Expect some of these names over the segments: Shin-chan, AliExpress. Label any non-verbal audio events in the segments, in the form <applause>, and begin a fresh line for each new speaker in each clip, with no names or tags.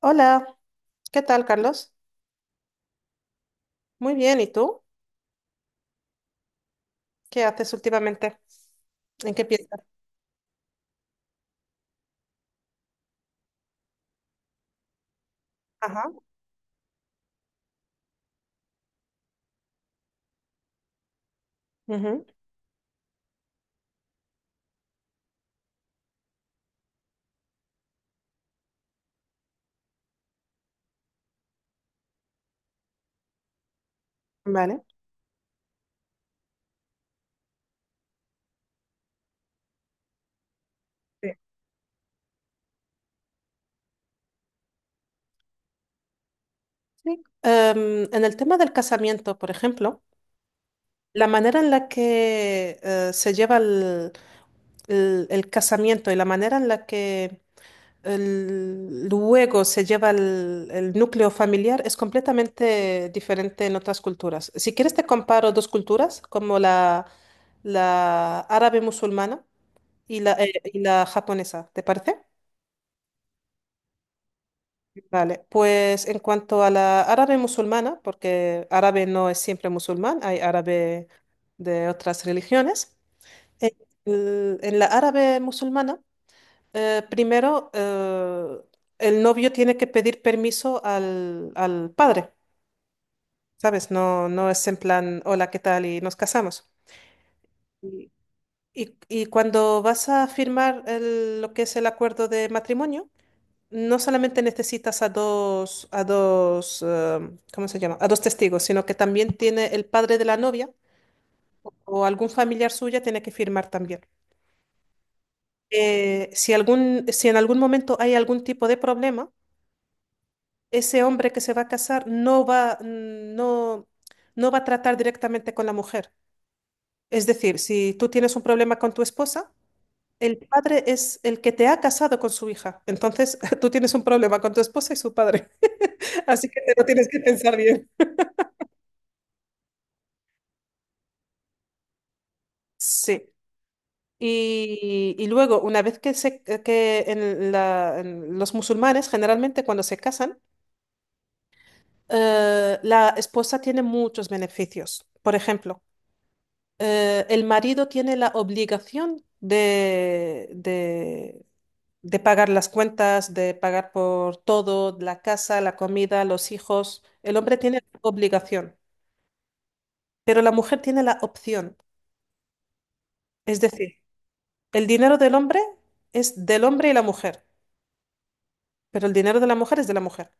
Hola, ¿qué tal, Carlos? Muy bien, ¿y tú? ¿Qué haces últimamente? ¿En qué piensas? Ajá. Ujú. Vale. Sí. Sí. En el tema del casamiento, por ejemplo, la manera en la que se lleva el casamiento y la manera en la que luego se lleva el núcleo familiar es completamente diferente en otras culturas. Si quieres, te comparo dos culturas, como la árabe musulmana y la japonesa, ¿te parece? Vale, pues en cuanto a la árabe musulmana, porque árabe no es siempre musulmán, hay árabe de otras religiones. En, el- en la árabe musulmana, primero, el novio tiene que pedir permiso al padre, ¿sabes? No, no es en plan, «hola, ¿qué tal?», y nos casamos. Y, y cuando vas a firmar lo que es el acuerdo de matrimonio, no solamente necesitas a dos, ¿cómo se llama? A dos testigos, sino que también tiene el padre de la novia o algún familiar suya tiene que firmar también. Si algún, si en algún momento hay algún tipo de problema, ese hombre que se va a casar no va a tratar directamente con la mujer. Es decir, si tú tienes un problema con tu esposa, el padre es el que te ha casado con su hija. Entonces, <laughs> tú tienes un problema con tu esposa y su padre. <laughs> Así que te lo tienes que pensar bien. Sí. Y luego, una vez que, se, que en la- en los musulmanes, generalmente cuando se casan, la esposa tiene muchos beneficios. Por ejemplo, el marido tiene la obligación de pagar las cuentas, de pagar por todo, la casa, la comida, los hijos. El hombre tiene la obligación, pero la mujer tiene la opción. Es decir, el dinero del hombre es del hombre y la mujer. Pero el dinero de la mujer es de la mujer.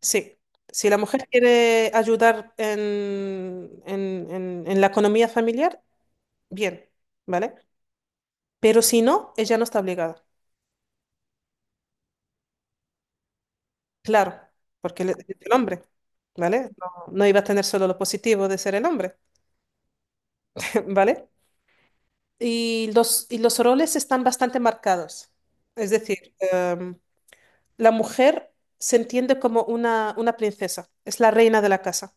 Sí. Si la mujer quiere ayudar en la economía familiar, bien, ¿vale? Pero si no, ella no está obligada. Claro, porque él es el hombre, ¿vale? No, no iba a tener solo lo positivo de ser el hombre, <laughs> ¿vale? Y los roles están bastante marcados. Es decir, la mujer se entiende como una princesa, es la reina de la casa.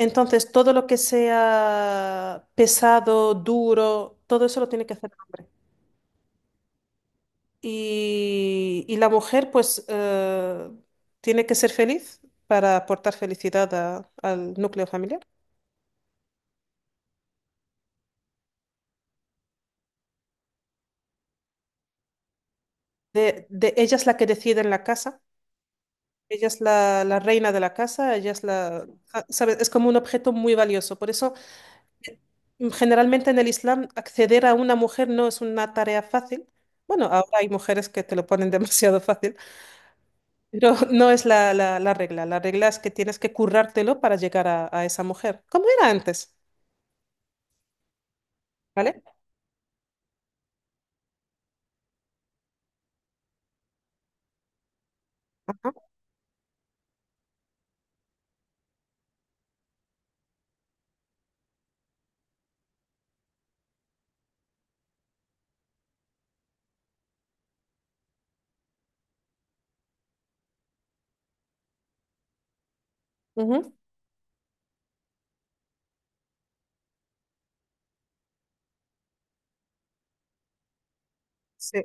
Entonces, todo lo que sea pesado, duro, todo eso lo tiene que hacer el hombre. Y la mujer, pues, tiene que ser feliz para aportar felicidad al núcleo familiar. Ella es la que decide en la casa, ella es la reina de la casa, ella es la, ah, ¿sabes? Es como un objeto muy valioso. Por eso, eh, generalmente en el Islam, acceder a una mujer no es una tarea fácil. Bueno, ahora hay mujeres que te lo ponen <laughs> demasiado fácil. Pero no es la regla. La regla es que tienes que currártelo para llegar a esa mujer. ¿Cómo era antes? ¿Vale? Ajá. Ujú. Sí,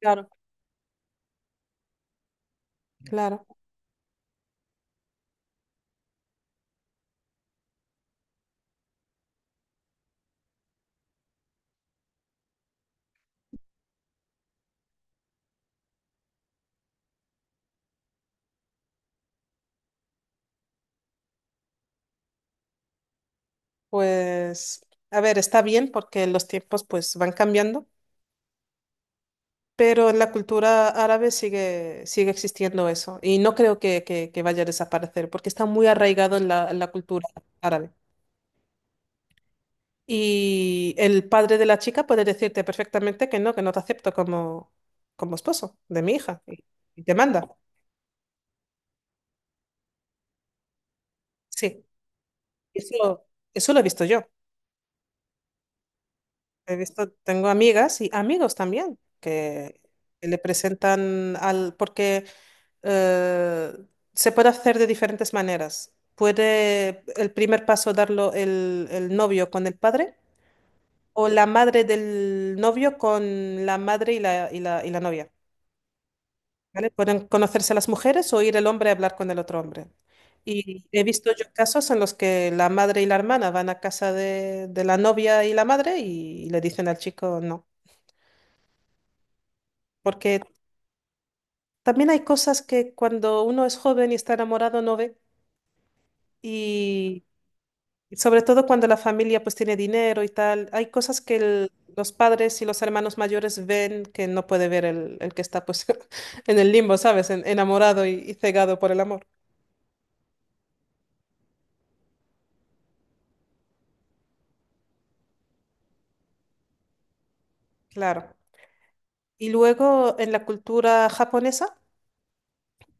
claro, claro. Pues, a ver, está bien porque los tiempos pues van cambiando, pero en la cultura árabe sigue existiendo eso. Y no creo que vaya a desaparecer porque está muy arraigado en la cultura árabe. Y el padre de la chica puede decirte perfectamente que no te acepto como, esposo de mi hija, y te manda. Sí, eso, eso lo he visto yo. He visto, tengo amigas y amigos también que le presentan porque eh, se puede hacer de diferentes maneras. Puede el primer paso darlo el novio con el padre o la madre del novio con la madre y la novia. ¿Vale? Pueden conocerse las mujeres o ir el hombre a hablar con el otro hombre. Y he visto yo casos en los que la madre y la hermana van a casa de la novia y la madre y le dicen al chico no. Porque también hay cosas que cuando uno es joven y está enamorado no ve. Y sobre todo cuando la familia pues tiene dinero y tal, hay cosas que los padres y los hermanos mayores ven que no puede ver el que está pues <laughs> en el limbo, ¿sabes? Enamorado y cegado por el amor. Claro. Y luego en la cultura japonesa,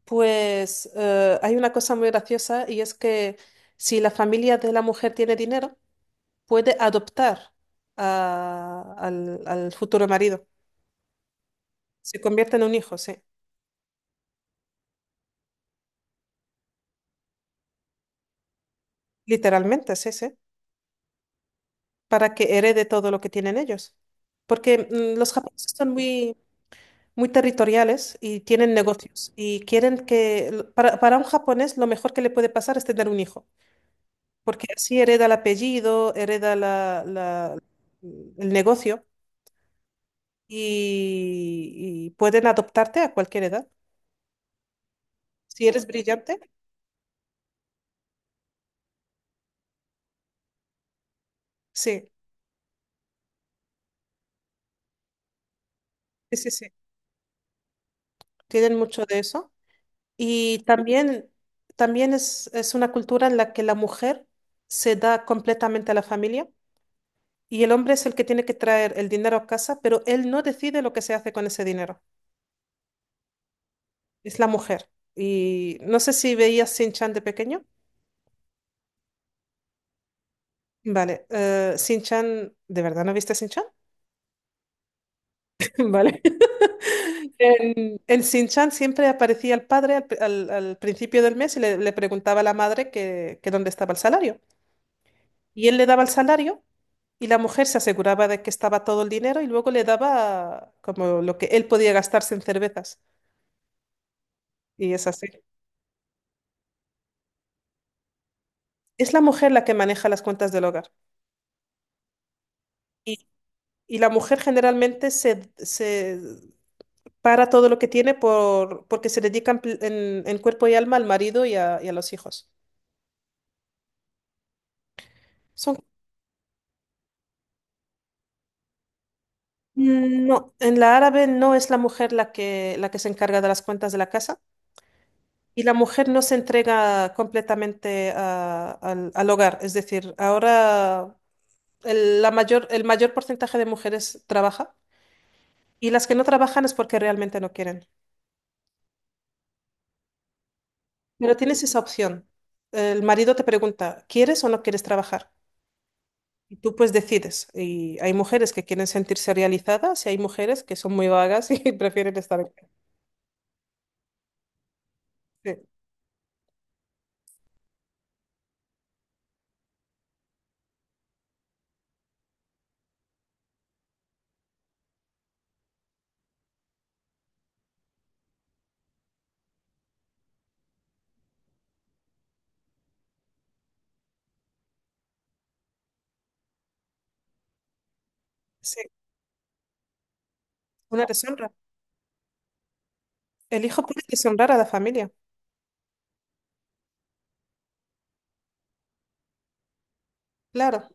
pues hay una cosa muy graciosa, y es que si la familia de la mujer tiene dinero, puede adoptar al futuro marido. Se convierte en un hijo, sí. Literalmente, sí, sí. Para que herede todo lo que tienen ellos. Porque los japoneses son muy, muy territoriales y tienen negocios y quieren para un japonés, lo mejor que le puede pasar es tener un hijo, porque así hereda el apellido, hereda el negocio, y pueden adoptarte a cualquier edad. Si eres brillante, sí, sí, sí, sí. Tienen mucho de eso. Y también es una cultura en la que la mujer se da completamente a la familia y el hombre es el que tiene que traer el dinero a casa, pero él no decide lo que se hace con ese dinero. Es la mujer. Y no sé si veías Sin chan de pequeño. Vale, Shin-chan, ¿de verdad no viste Shin-chan? <laughs> Vale. <laughs> En Shin-chan siempre aparecía el padre al principio del mes y le preguntaba a la madre que dónde estaba el salario. Y él le daba el salario y la mujer se aseguraba de que estaba todo el dinero y luego le daba como lo que él podía gastarse en cervezas. Y es así. Es la mujer la que maneja las cuentas del hogar. Y, y la mujer generalmente se para todo lo que tiene porque se dedican en cuerpo y alma al marido y a los hijos. Son, no, en la árabe no es la mujer la que, se encarga de las cuentas de la casa, y la mujer no se entrega completamente al hogar. Es decir, ahora el mayor porcentaje de mujeres trabaja y las que no trabajan es porque realmente no quieren. Pero tienes esa opción. El marido te pregunta, ¿quieres o no quieres trabajar? Y tú pues decides. Y hay mujeres que quieren sentirse realizadas y hay mujeres que son muy vagas <laughs> y prefieren estar en casa. Sí, sí, una deshonra. El hijo puede deshonrar a la familia, claro.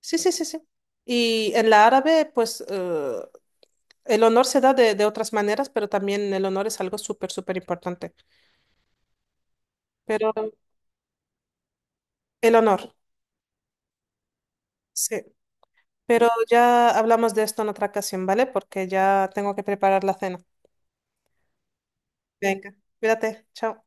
Sí, sí, sí, sí. Y en la árabe, pues el honor se da de otras maneras, pero también el honor es algo súper, súper importante. Pero el honor, sí. Pero ya hablamos de esto en otra ocasión, ¿vale? Porque ya tengo que preparar la cena. Venga, cuídate, chao.